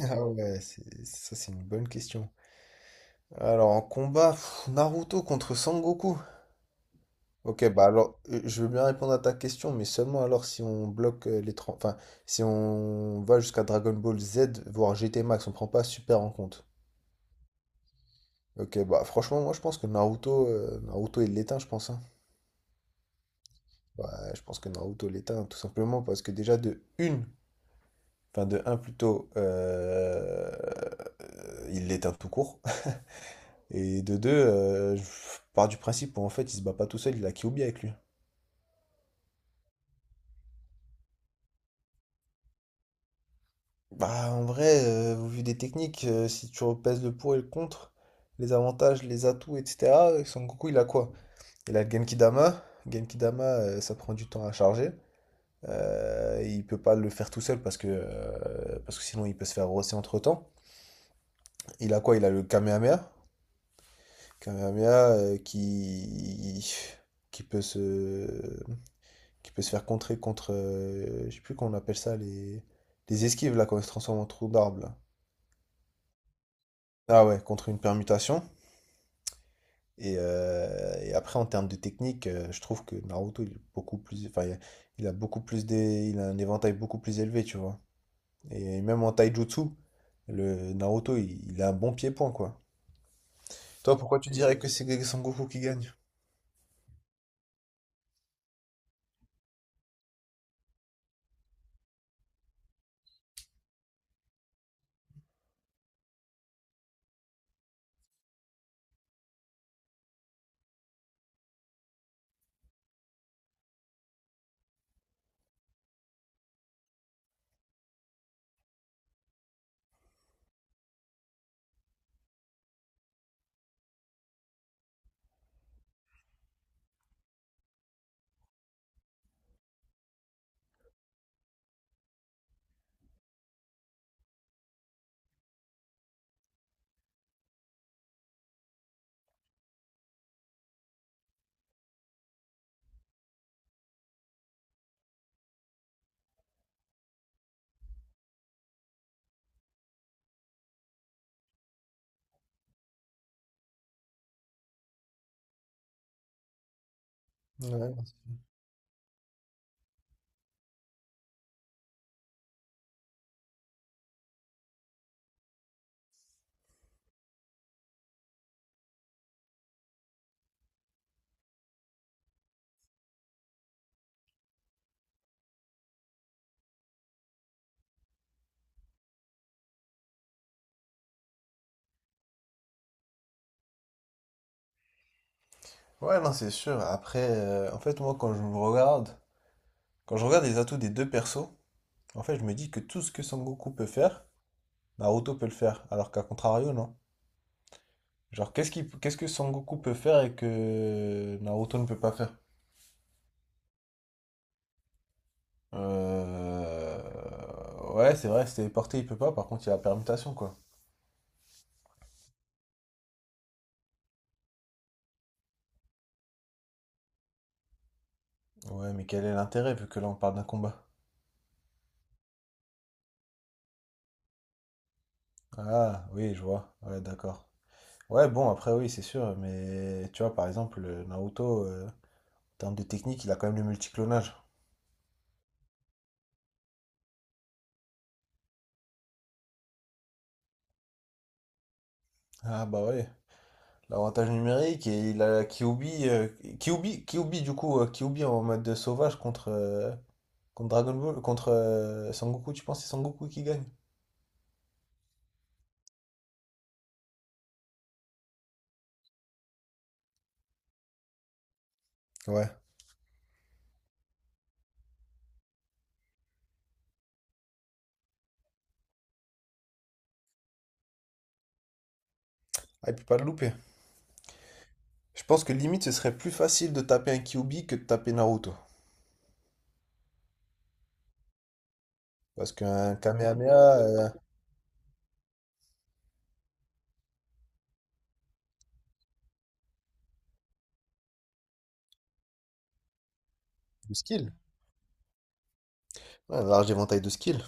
Ah ouais, ça c'est une bonne question. Alors en combat, pff, Naruto contre Sangoku. Ok, bah alors je veux bien répondre à ta question, mais seulement alors si on bloque les trente. Si on va jusqu'à Dragon Ball Z, voire GT Max, on prend pas Super en compte. Ok, bah franchement, moi je pense que Naruto, Naruto il l'éteint, je pense, hein. Ouais, je pense que Naruto l'éteint, tout simplement parce que déjà de une, enfin de un plutôt, il l'éteint tout court. Et de deux, je pars du principe où en fait il se bat pas tout seul, il a Kyuubi avec lui. Bah en vrai, au vu des techniques, si tu repèses le pour et le contre, les avantages, les atouts, etc., Son Goku il a quoi? Il a le Genkidama. Genkidama, ça prend du temps à charger. Il peut pas le faire tout seul parce que sinon il peut se faire rosser entre-temps. Il a quoi? Il a le Kamehameha. Kamehameha qui peut se... qui peut se faire contrer contre, je sais plus comment on appelle ça, les esquives, là, quand ils se transforme en trou d'arbre là. Ah ouais, contre une permutation. Et après, en termes de technique, je trouve que Naruto, il est beaucoup plus, enfin, il a beaucoup plus des, il a un éventail beaucoup plus élevé, tu vois. Et même en taijutsu, le Naruto, il a un bon pied-point, quoi. Toi, pourquoi tu dirais que c'est Sengoku qui gagne? Ouais. Ouais, non, c'est sûr. Après, en fait, moi, quand je regarde les atouts des deux persos, en fait, je me dis que tout ce que Son Goku peut faire, Naruto peut le faire, alors qu'à contrario, non. Genre, qu'est-ce que Son Goku peut faire et que Naruto ne peut pas faire? Euh, Ouais, c'est vrai, se téléporter, il peut pas, par contre, il a la permutation, quoi. Ouais, mais quel est l'intérêt, vu que là, on parle d'un combat? Ah, oui, je vois. Ouais, d'accord. Ouais, bon, après, oui, c'est sûr, mais tu vois, par exemple, Naruto, en termes de technique, il a quand même le multiclonage. Ah, bah ouais. L'avantage numérique et il a Kyuubi, du coup, Kyuubi en mode de sauvage contre, contre Dragon Ball, contre Sangoku, tu penses que c'est Sangoku qui gagne? Ouais. Ah, il peut pas le louper. Je pense que limite ce serait plus facile de taper un Kyuubi que de taper Naruto. Parce qu'un Kamehameha, euh. Le skill. Ouais, un large éventail de skill.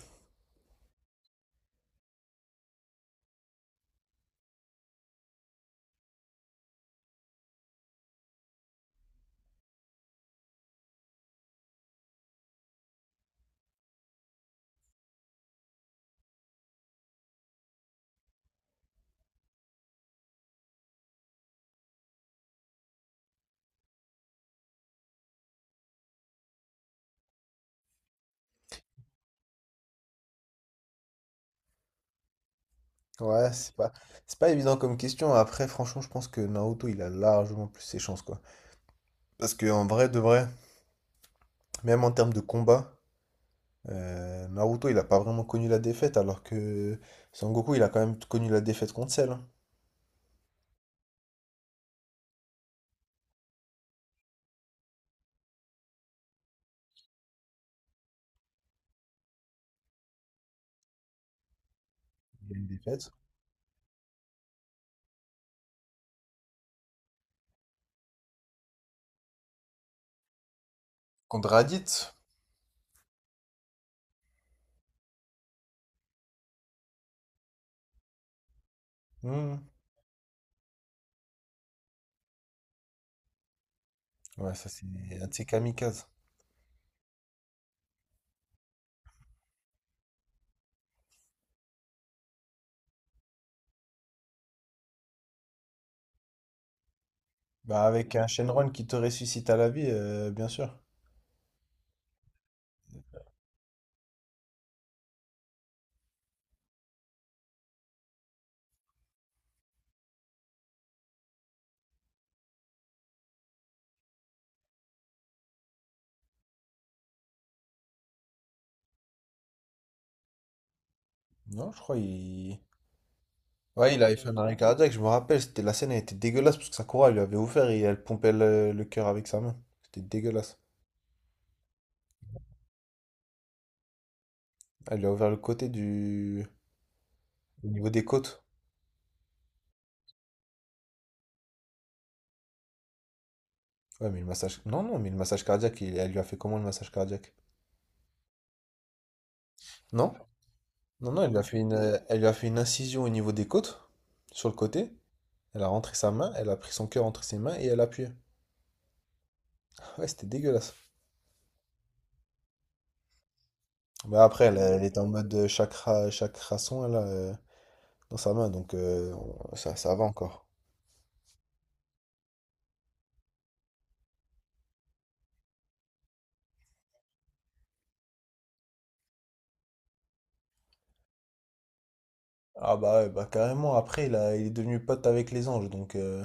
Ouais, c'est pas, c'est pas évident comme question. Après, franchement, je pense que Naruto, il a largement plus ses chances, quoi. Parce que en vrai, de vrai, même en termes de combat, Naruto, il a pas vraiment connu la défaite, alors que Sangoku, il a quand même connu la défaite contre Cell, hein. Il a une défaite. Contre Raditz. Hmm. Ouais, ça c'est un de ses kamikazes. Bah avec un Shenron qui te ressuscite à la vie, bien sûr. Non, je crois il... Ouais, il avait fait un arrêt cardiaque, je me rappelle, c'était la scène, elle était dégueulasse parce que Sakura elle lui avait ouvert et elle pompait le cœur avec sa main. C'était dégueulasse. Elle lui a ouvert le côté du... Au niveau des côtes. Ouais, mais le massage... Non, non, mais le massage cardiaque, elle lui a fait comment le massage cardiaque? Non? Non, non, elle lui a fait une, elle lui a fait une incision au niveau des côtes, sur le côté. Elle a rentré sa main, elle a pris son cœur entre ses mains et elle a appuyé. Ouais, c'était dégueulasse. Mais après, elle était en mode chakra son, dans sa main, donc ça, ça va encore. Ah bah ouais, bah carrément, après, il est devenu pote avec les anges, donc euh.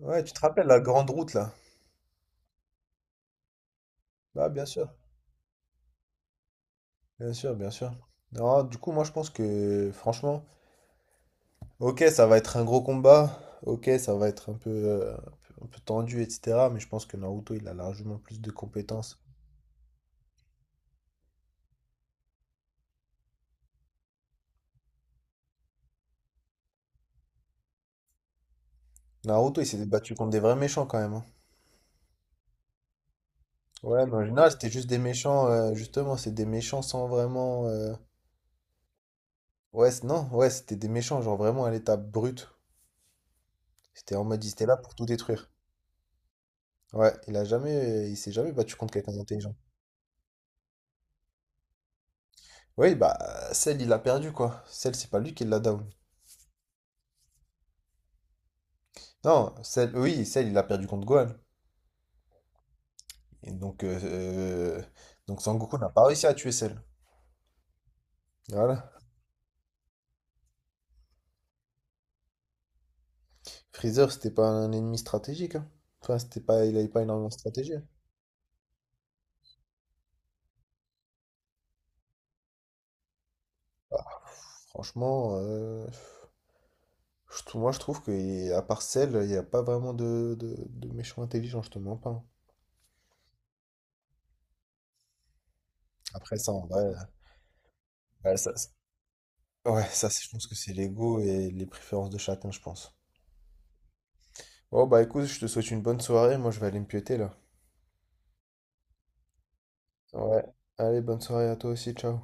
Ouais, tu te rappelles la grande route, là? Bah bien sûr, bien sûr, bien sûr. Non, du coup, moi, je pense que, franchement... Ok, ça va être un gros combat. Ok, ça va être un peu, un peu tendu, etc. Mais je pense que Naruto, il a largement plus de compétences. Naruto, il s'est battu contre des vrais méchants quand même, hein. Ouais, mais en général, c'était juste des méchants, justement, c'est des méchants sans vraiment, euh. Non, ouais, c'était des méchants, genre vraiment à l'état brut. C'était en mode, il était là pour tout détruire. Ouais, il s'est jamais battu contre quelqu'un d'intelligent. Oui, bah, Cell, il a perdu quoi. Cell, c'est pas lui qui l'a down. Non, Cell, il a perdu contre Gohan. Et donc Sangoku n'a pas réussi à tuer Cell. Voilà. Freezer, c'était pas un ennemi stratégique, hein. Enfin, c'était pas, il avait pas énormément de stratégie. Ah, franchement, moi je trouve que à part Cell, il n'y a pas vraiment de méchants intelligents, je te mens pas, hein. Après ça, en vrai, ouais, ça, c'est- ouais, ça, c'est je pense que c'est l'ego et les préférences de chacun, je pense. Bon, bah écoute, je te souhaite une bonne soirée. Moi, je vais aller me piéter là. Ouais. Allez, bonne soirée à toi aussi. Ciao.